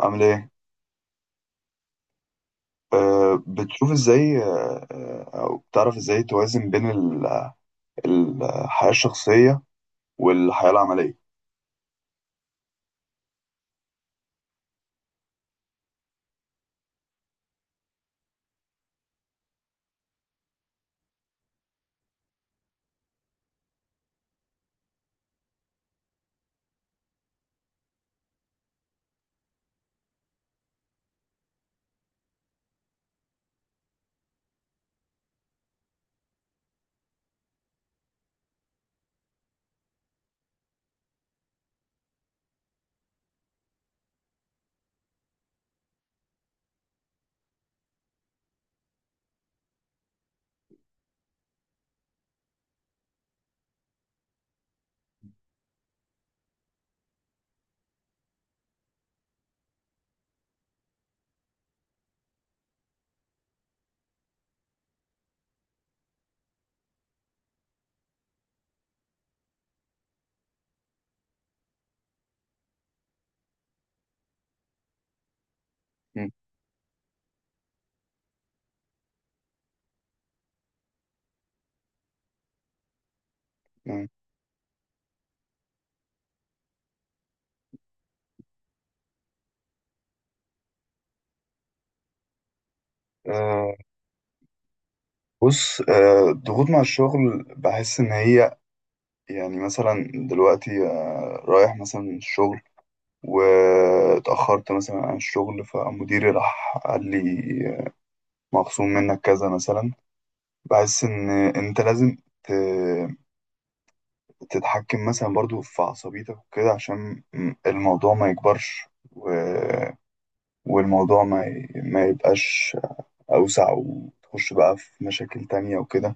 عامل ايه؟ أه، بتشوف ازاي أه او بتعرف ازاي توازن بين الحياة الشخصية والحياة العملية؟ م- م. أه، بص. أه، الضغوط مع الشغل بحس ان هي، يعني مثلا دلوقتي رايح مثلا الشغل واتأخرت مثلا عن الشغل، فمديري راح قال لي مخصوم منك كذا مثلا. بحس ان انت لازم تتحكم مثلا برضو في عصبيتك وكده، عشان الموضوع ما يكبرش، و... والموضوع ما يبقاش أوسع وتخش بقى في مشاكل تانية وكده.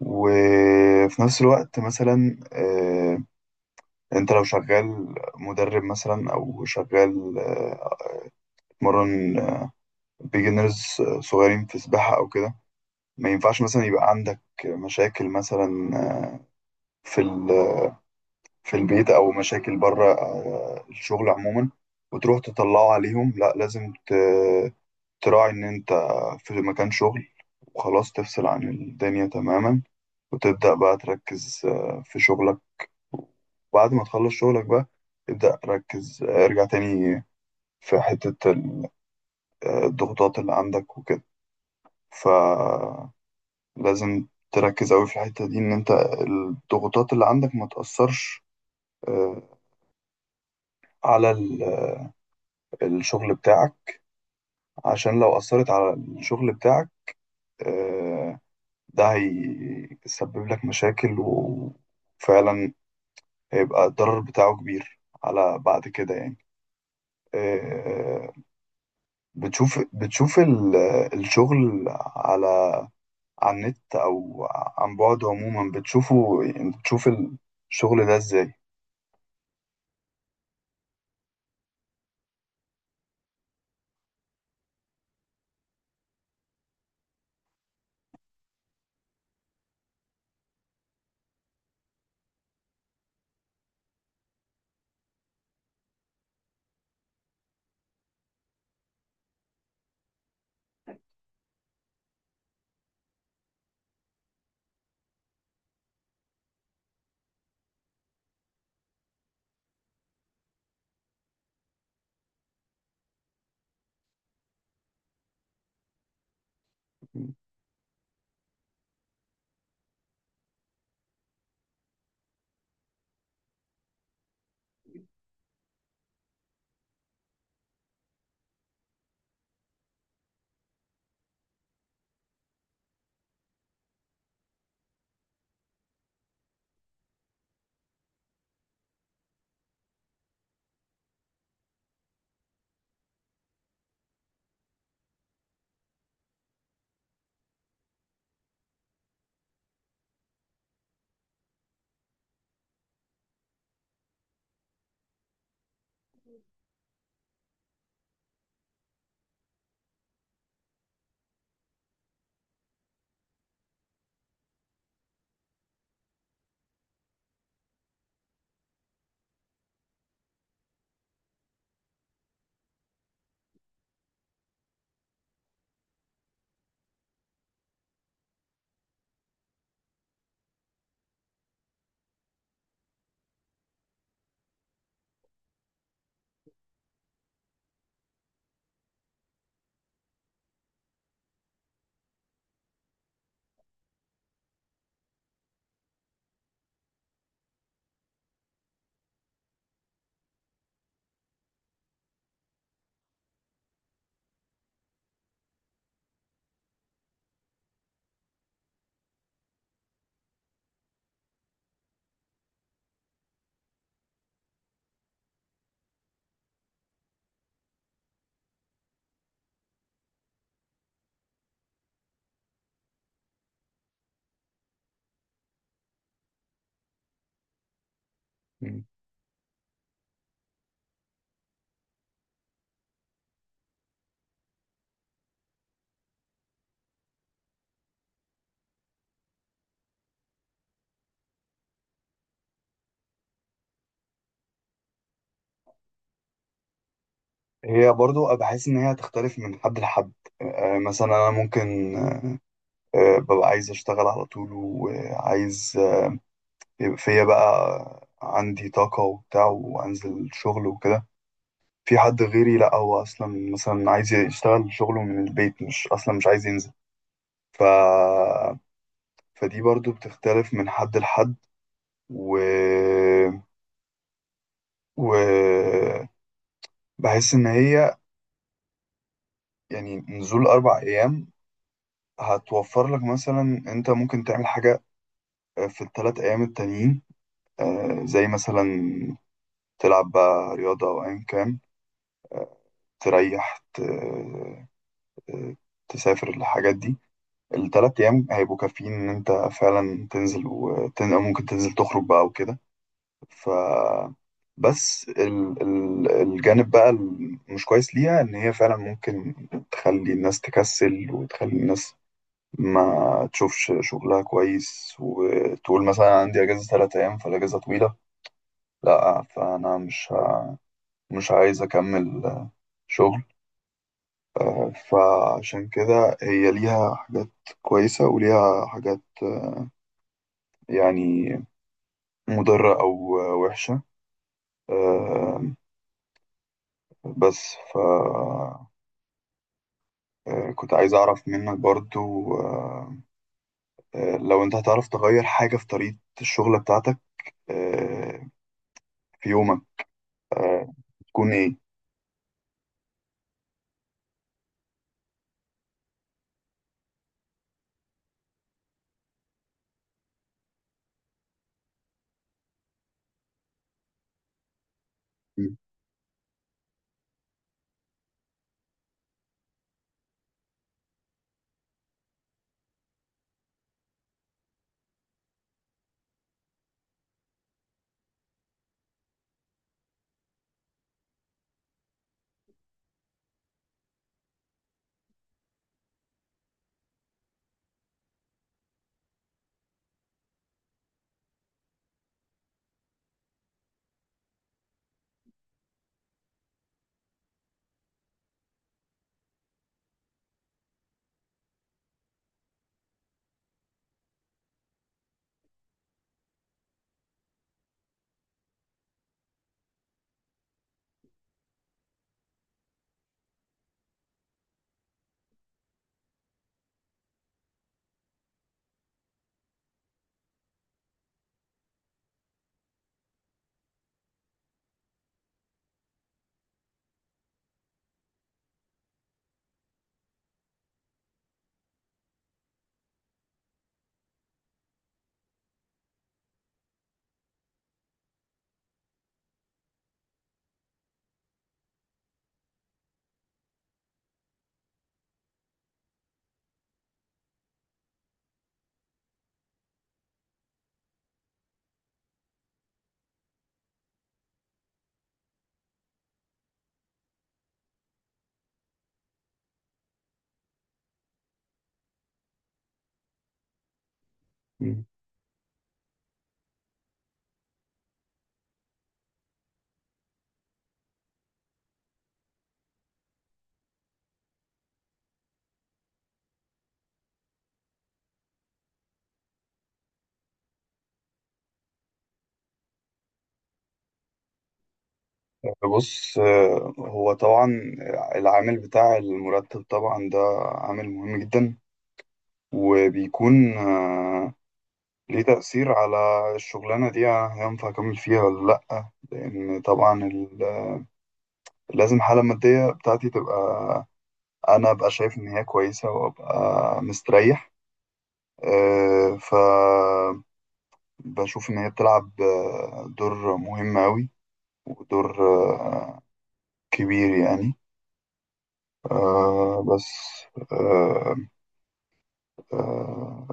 وفي نفس الوقت مثلا، انت لو شغال مدرب مثلا، او شغال مرن، بيجنرز صغيرين في سباحة او كده، ما ينفعش مثلا يبقى عندك مشاكل مثلا، آه، في في البيت او مشاكل بره الشغل عموما، وتروح تطلعه عليهم. لا، لازم تراعي ان انت في مكان شغل، وخلاص تفصل عن الدنيا تماما، وتبدأ بقى تركز في شغلك. وبعد ما تخلص شغلك بقى، ابدأ ركز ارجع تاني في حتة الضغوطات اللي عندك وكده. فلازم تركز أوي في الحتة دي، إن أنت الضغوطات اللي عندك ما تأثرش آه، على الشغل بتاعك. عشان لو أثرت على الشغل بتاعك، آه، ده هيسبب لك مشاكل، وفعلا هيبقى الضرر بتاعه كبير على بعد كده، يعني. آه، بتشوف الشغل على على النت أو عن بعد عموما، بتشوفه يعني؟ بتشوف الشغل ده إزاي؟ مم. هي برضو بحس إن هي هتختلف من حد لحد. مثلا أنا ممكن ببقى عايز أشتغل على طول، وعايز يبقى فيا بقى عندي طاقة وبتاع وأنزل شغل وكده. في حد غيري لأ، هو أصلا مثلا عايز يشتغل شغله من البيت، مش أصلا مش عايز ينزل. ف... فدي برضو بتختلف من حد لحد. و... و بحس إن هي يعني نزول أربع أيام هتوفر لك مثلا، أنت ممكن تعمل حاجة في الثلاث أيام التانيين، زي مثلا تلعب بقى رياضة أو أيا كان، تريح، تسافر، الحاجات دي. الثلاث ايام هيبقوا كافيين ان انت فعلا تنزل أو ممكن تنزل تخرج بقى وكده. ف بس الجانب بقى المش كويس ليها ان هي فعلا ممكن تخلي الناس تكسل، وتخلي الناس ما تشوفش شغلها كويس، وتقول مثلا أنا عندي اجازة ثلاث ايام، فالاجازة طويلة، لا، فانا مش عايز اكمل شغل. فعشان كده هي ليها حاجات كويسة وليها حاجات يعني مضرة أو وحشة. آه، بس ف، كنت عايز أعرف منك برضو، لو أنت هتعرف تغير حاجة في طريقة الشغل بتاعتك آه، في يومك، آه، تكون إيه؟ مم. مم. بص، هو طبعا العامل بتاع المرتب طبعا ده عامل مهم جدا، وبيكون ليه تأثير على الشغلانة دي، هينفع أكمل فيها ولا لأ. لأن طبعا لازم الحالة المادية بتاعتي تبقى، أنا أبقى شايف إن هي كويسة وأبقى مستريح. أه، فبشوف إن هي بتلعب دور مهم أوي، ودور آه، كبير، يعني. أه، بس، أه، أه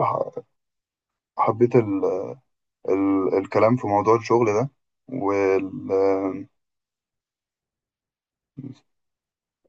ح- حبيت ال ال الكلام في موضوع الشغل ده وال.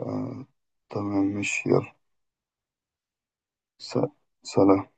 آه، تمام، ماشي، يلا، س- سلام.